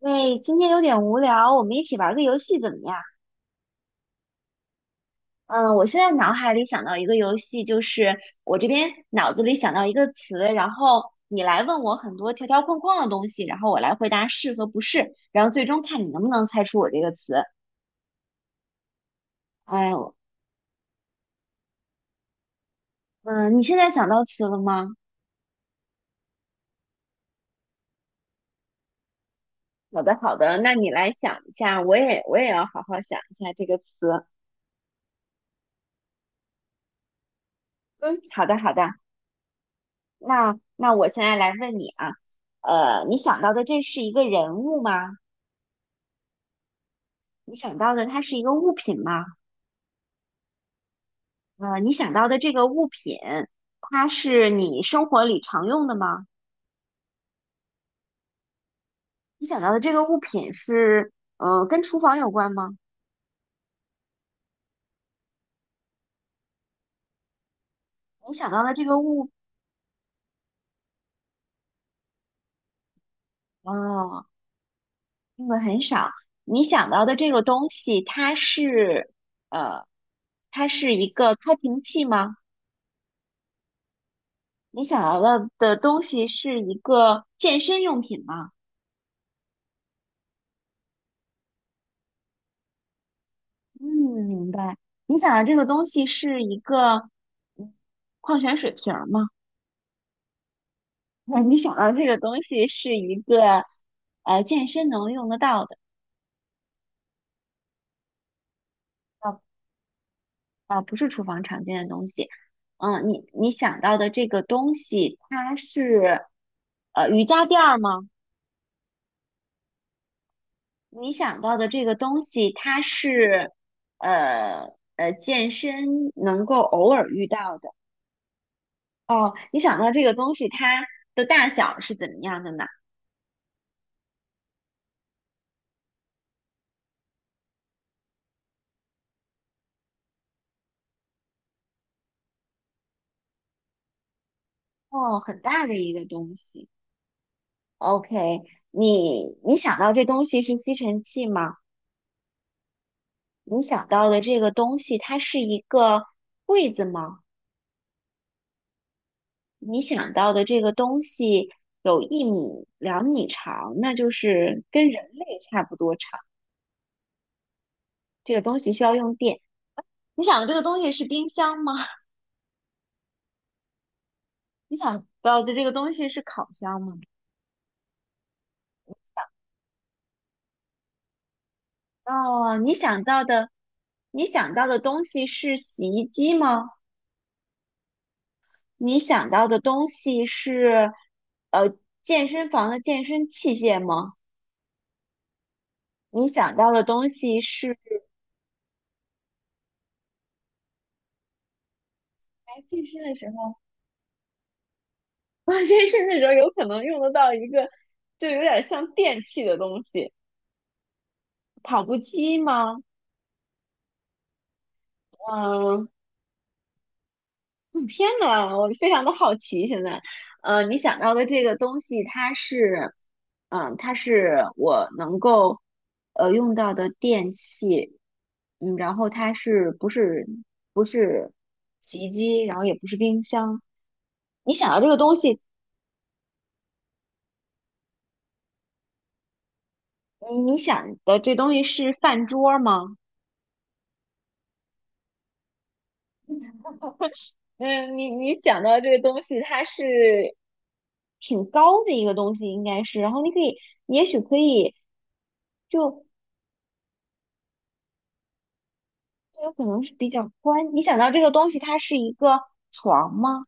喂，今天有点无聊，我们一起玩个游戏怎么样？嗯，我现在脑海里想到一个游戏，就是我这边脑子里想到一个词，然后你来问我很多条条框框的东西，然后我来回答是和不是，然后最终看你能不能猜出我这个词。哎呦，嗯，你现在想到词了吗？好的，好的，那你来想一下，我也要好好想一下这个词。嗯，好的，好的，那我现在来问你啊，你想到的这是一个人物吗？你想到的它是一个物品吗？你想到的这个物品，它是你生活里常用的吗？你想到的这个物品是，跟厨房有关吗？你想到的这个物，哦，用的很少。你想到的这个东西，它是，呃，它是一个开瓶器吗？你想到的的东西是一个健身用品吗？嗯，明白。你想到这个东西是一个嗯矿泉水瓶儿吗？那你想到这个东西是一个健身能用得到的，啊啊，不是厨房常见的东西。嗯，你想到的这个东西，它是瑜伽垫儿吗？你想到的这个东西，它是健身能够偶尔遇到的。哦，你想到这个东西，它的大小是怎么样的呢？哦，很大的一个东西。OK,你想到这东西是吸尘器吗？你想到的这个东西，它是一个柜子吗？你想到的这个东西有一米、两米长，那就是跟人类差不多长。这个东西需要用电。你想的这个东西是冰箱吗？你想到的这个东西是烤箱吗？哦，你想到的，你想到的东西是洗衣机吗？你想到的东西是，呃，健身房的健身器械吗？你想到的东西是，哎，健身的时候。我健身的时候有可能用得到一个，就有点像电器的东西，跑步机吗？嗯，嗯天呐，我非常的好奇现在。你想到的这个东西，它是，嗯，它是我能够用到的电器，嗯，然后它是不是不是洗衣机，然后也不是冰箱。你想到这个东西，你想的这东西是饭桌吗？嗯，你想到这个东西，它是挺高的一个东西，应该是。然后你可以，也许可以，就就有可能是比较宽。你想到这个东西，它是一个床吗？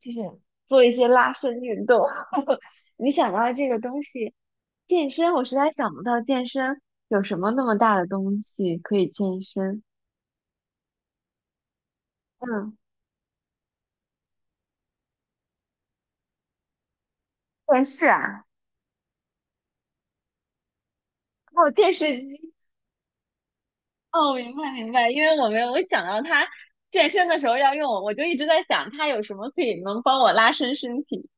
就是做一些拉伸运动。你想到这个东西，健身，我实在想不到健身有什么那么大的东西可以健身。嗯，电视啊，还有电视机。哦，明白明白，因为我没有，我想到他健身的时候要用，我就一直在想他有什么可以能帮我拉伸身体。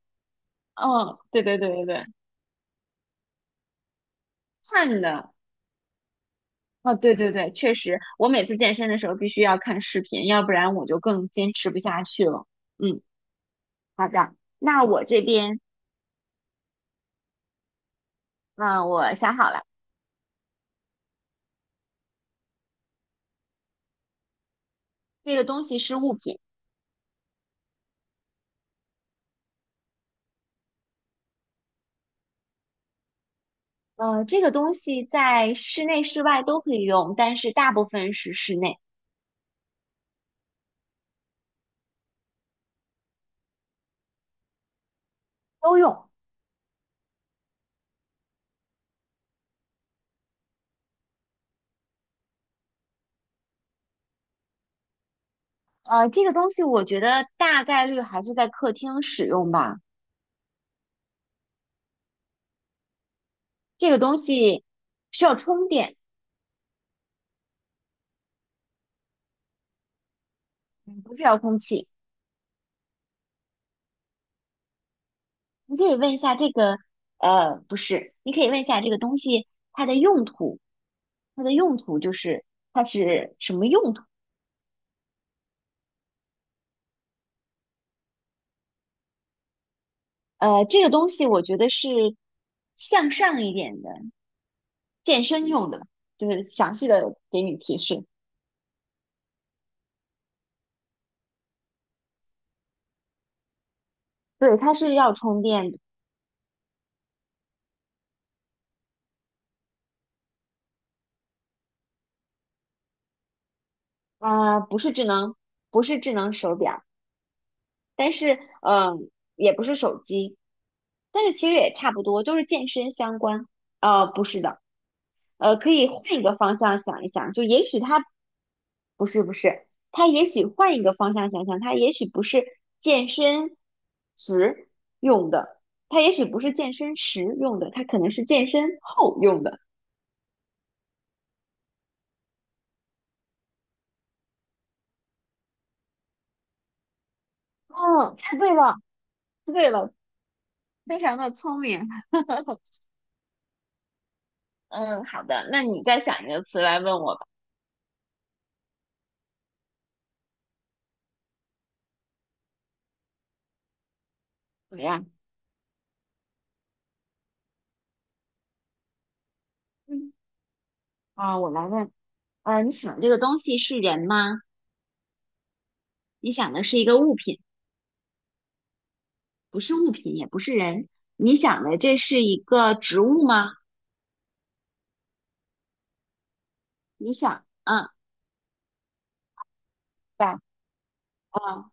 哦，对对对对对，看的，哦，对对对，确实，我每次健身的时候必须要看视频，要不然我就更坚持不下去了。嗯，好的，那我这边，嗯、我想好了，这个东西是物品，这个东西在室内室外都可以用，但是大部分是室内都用。这个东西我觉得大概率还是在客厅使用吧。这个东西需要充电，嗯不是遥控器。你可以问一下这个，不是，你可以问一下这个东西它的用途，它的用途就是它是什么用途？这个东西我觉得是向上一点的，健身用的，就是详细的给你提示。对，它是要充电的，啊、不是智能，不是智能手表。但是嗯，也不是手机，但是其实也差不多，都是健身相关。不是的，可以换一个方向想一想，就也许它不是不是，它也许换一个方向想想，健身时用的，它也许不是健身时用的，它可能是健身后用的。嗯，猜对了。猜对了，非常的聪明。嗯，好的，那你再想一个词来问我吧，怎么样？嗯，啊，我来问。你想这个东西是人吗？你想的是一个物品，不是物品，也不是人。你想的这是一个植物吗？你想，嗯，对，嗯，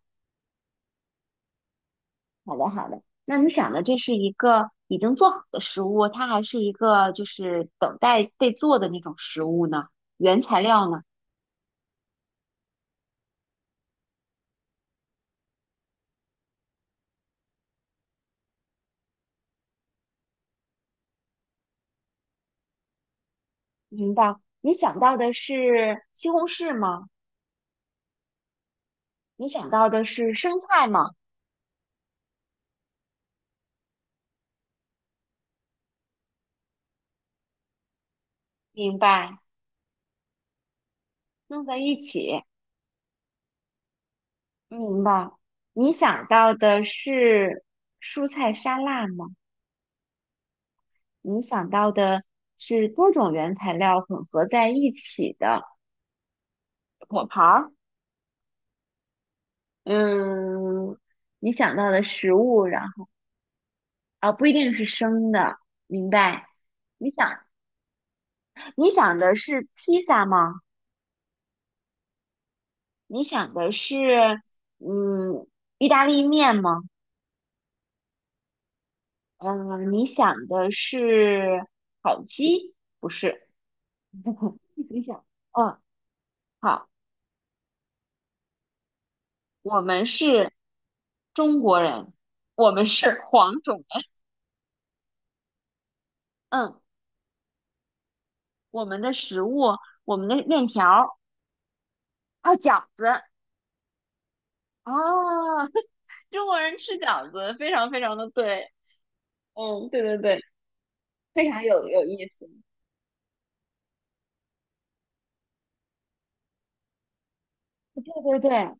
好的，好的。那你想的这是一个已经做好的食物，它还是一个就是等待被做的那种食物呢？原材料呢？明白。你想到的是西红柿吗？你想到的是生菜吗？明白。弄在一起，明白。你想到的是蔬菜沙拉吗？你想到的是多种原材料混合在一起的果盘儿？嗯，你想到的食物，然后啊，不一定是生的，明白？你想，你想的是披萨吗？你想的是嗯，意大利面吗？嗯，你想的是烤鸡？不是，你想，嗯。好。我们是中国人，我们是黄种人。嗯，我们的食物，我们的面条儿，啊，饺子，哦，中国人吃饺子，非常非常的对。嗯，对对对，非常有意思。对对对，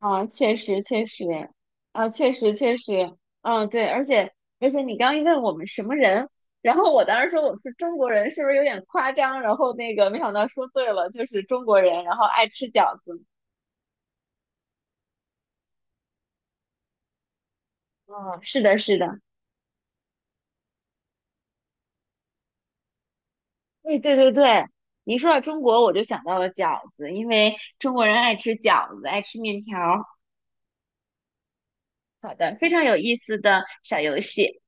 啊，确实确实，啊，确实确实，嗯，对，而且你刚一问我们什么人，然后我当时说我是中国人，是不是有点夸张？然后那个没想到说对了，就是中国人，然后爱吃饺子。哦，是的，是的，哎，对对对，你一说到中国，我就想到了饺子，因为中国人爱吃饺子，爱吃面条儿好的，非常有意思的小游戏，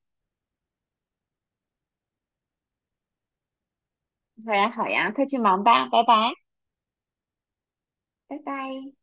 好呀，好呀，快去忙吧，拜拜，拜拜。